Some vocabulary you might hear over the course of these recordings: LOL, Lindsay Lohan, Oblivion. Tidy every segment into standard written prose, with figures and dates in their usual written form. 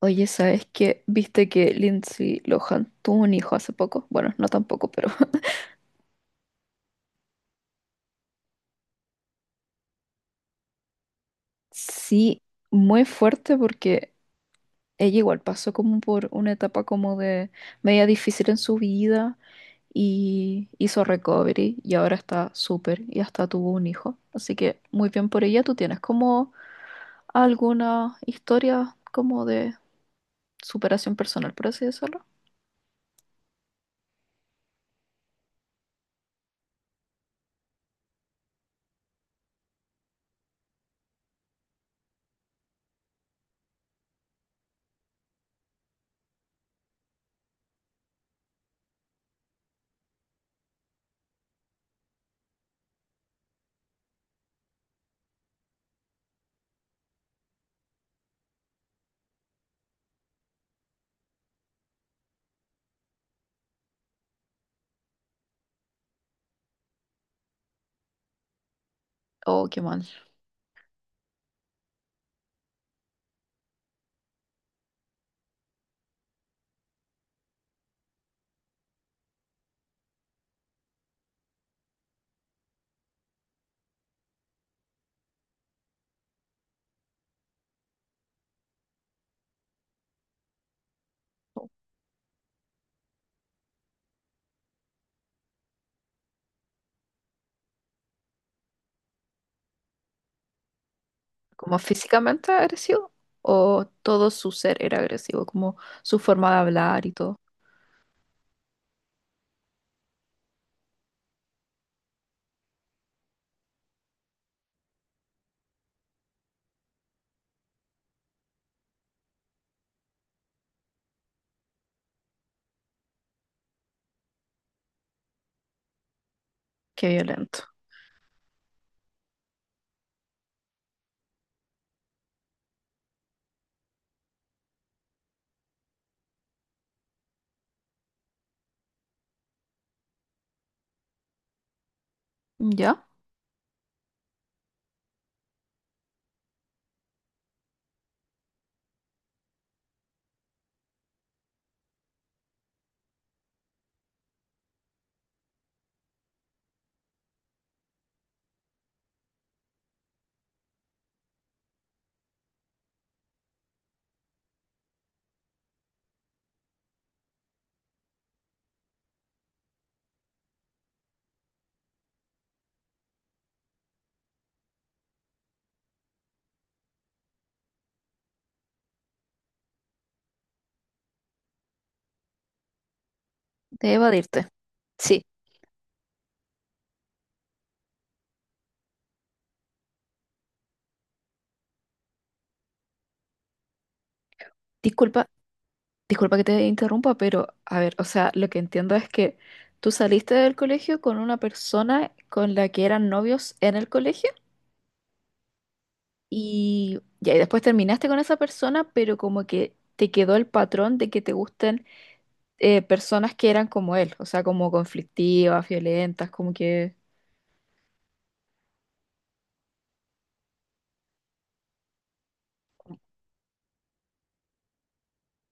Oye, ¿sabes qué? ¿Viste que Lindsay Lohan tuvo un hijo hace poco? Bueno, no tampoco, pero sí, muy fuerte porque ella igual pasó como por una etapa como de media difícil en su vida y hizo recovery y ahora está súper y hasta tuvo un hijo. Así que muy bien por ella. ¿Tú tienes como alguna historia como de superación personal, por así decirlo? Oh, qué mal. ¿Como físicamente agresivo? ¿O todo su ser era agresivo? Como su forma de hablar y todo. Qué violento. ¿Ya? De evadirte. Sí, disculpa, que te interrumpa, pero a ver, o sea, lo que entiendo es que tú saliste del colegio con una persona con la que eran novios en el colegio y ya, y después terminaste con esa persona, pero como que te quedó el patrón de que te gusten personas que eran como él, o sea, como conflictivas, violentas, como que,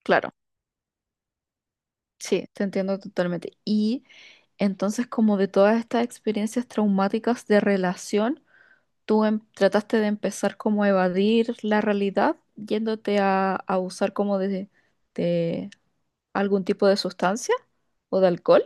claro. Sí, te entiendo totalmente. Y entonces, como de todas estas experiencias traumáticas de relación, tú trataste de empezar como a evadir la realidad yéndote a usar como de algún tipo de sustancia o de alcohol.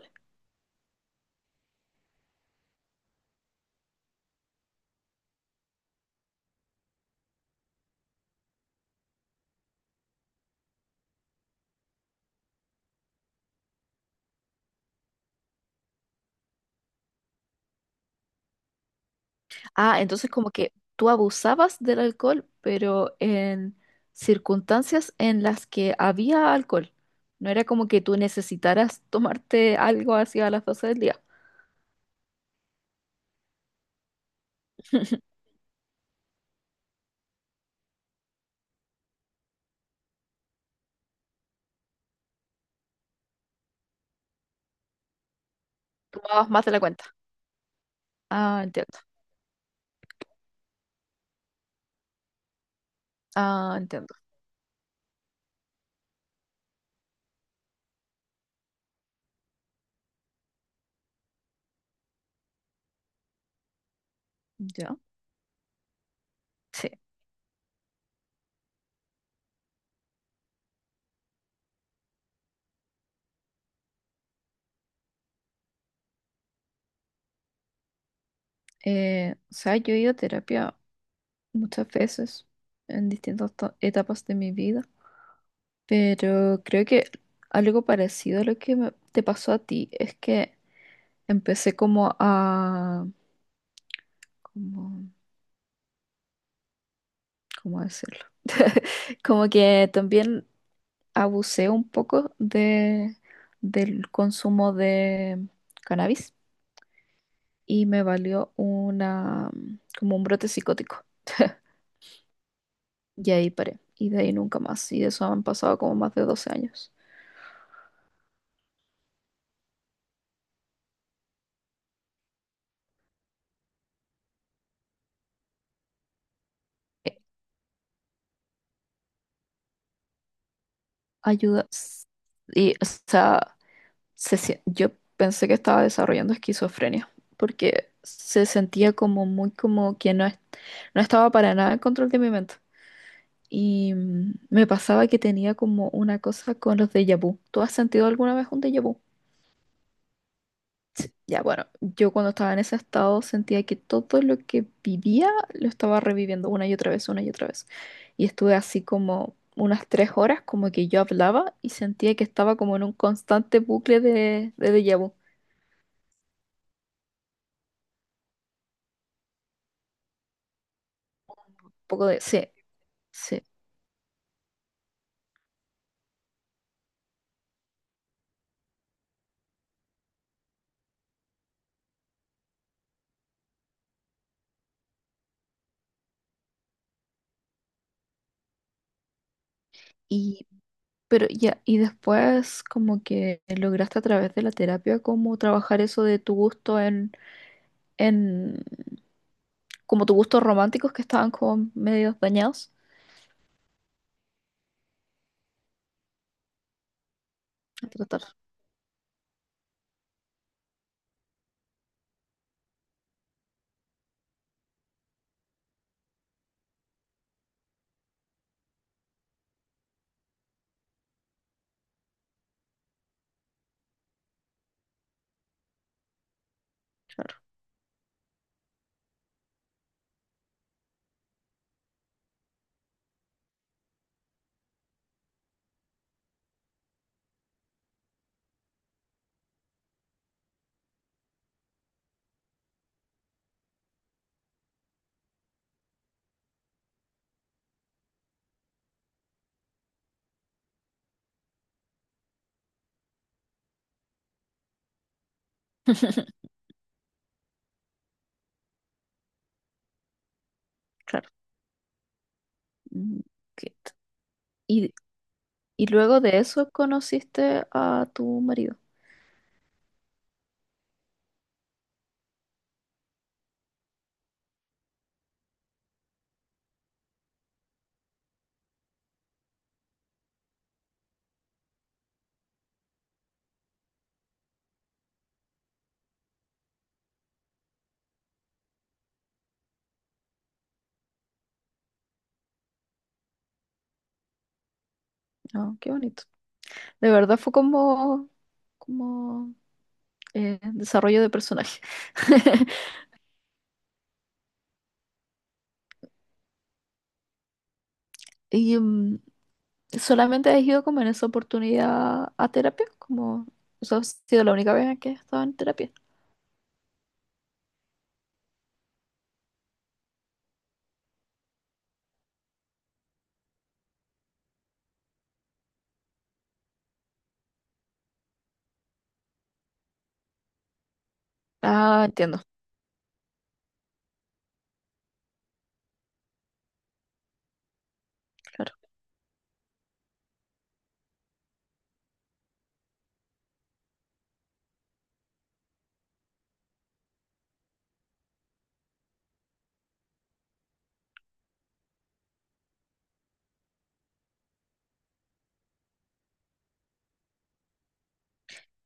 Ah, entonces como que tú abusabas del alcohol, pero en circunstancias en las que había alcohol. No era como que tú necesitaras tomarte algo hacia las 12 del día. Tomabas más de la cuenta. Ah, entiendo. Ah, entiendo. Ya. Sí. O sea, yo he ido a terapia muchas veces en distintas etapas de mi vida, pero creo que algo parecido a lo que te pasó a ti es que empecé como a... como- ¿cómo decirlo? Como que también abusé un poco del consumo de cannabis y me valió una, como un brote psicótico. Y ahí paré. Y de ahí nunca más. Y de eso han pasado como más de 12 años. Eh, Ayuda. Y, o sea, yo pensé que estaba desarrollando esquizofrenia. Porque se sentía como muy como que no, no estaba para nada en control de mi mente. Y me pasaba que tenía como una cosa con los déjà vu. ¿Tú has sentido alguna vez un déjà vu? Sí, ya, bueno, yo cuando estaba en ese estado sentía que todo lo que vivía lo estaba reviviendo una y otra vez, una y otra vez. Y estuve así como unas 3 horas, como que yo hablaba y sentía que estaba como en un constante bucle de déjà vu. Un poco de, sí, sí. Y, pero ya, y después como que lograste a través de la terapia como trabajar eso de tu gusto en, como tus gustos románticos que estaban como medio dañados. A tratar, claro. Claro. Mm, ok. Y, y luego de eso conociste a tu marido. Ah, qué bonito. De verdad fue como, como desarrollo de personaje. ¿Y mm, solamente has ido como en esa oportunidad a terapia? Como eso ha sido la única vez en que he estado en terapia. Ah, entiendo, claro.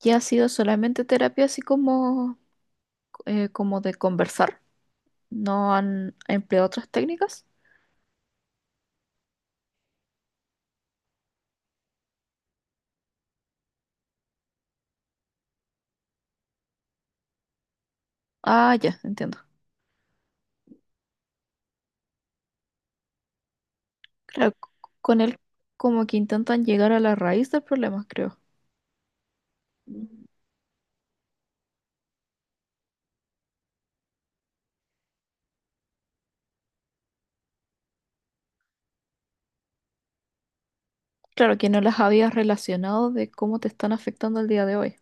¿Y ha sido solamente terapia así como, como de conversar? ¿No han empleado otras técnicas? Ah, ya, entiendo. Claro, con él como que intentan llegar a la raíz del problema, creo. Mm. Claro, que no las habías relacionado de cómo te están afectando el día de hoy.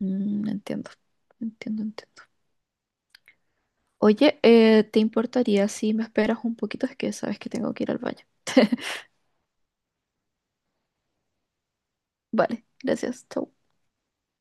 Mm, entiendo, entiendo, entiendo. Oye, ¿te importaría si me esperas un poquito? Es que sabes que tengo que ir al baño. Vale, gracias, chau.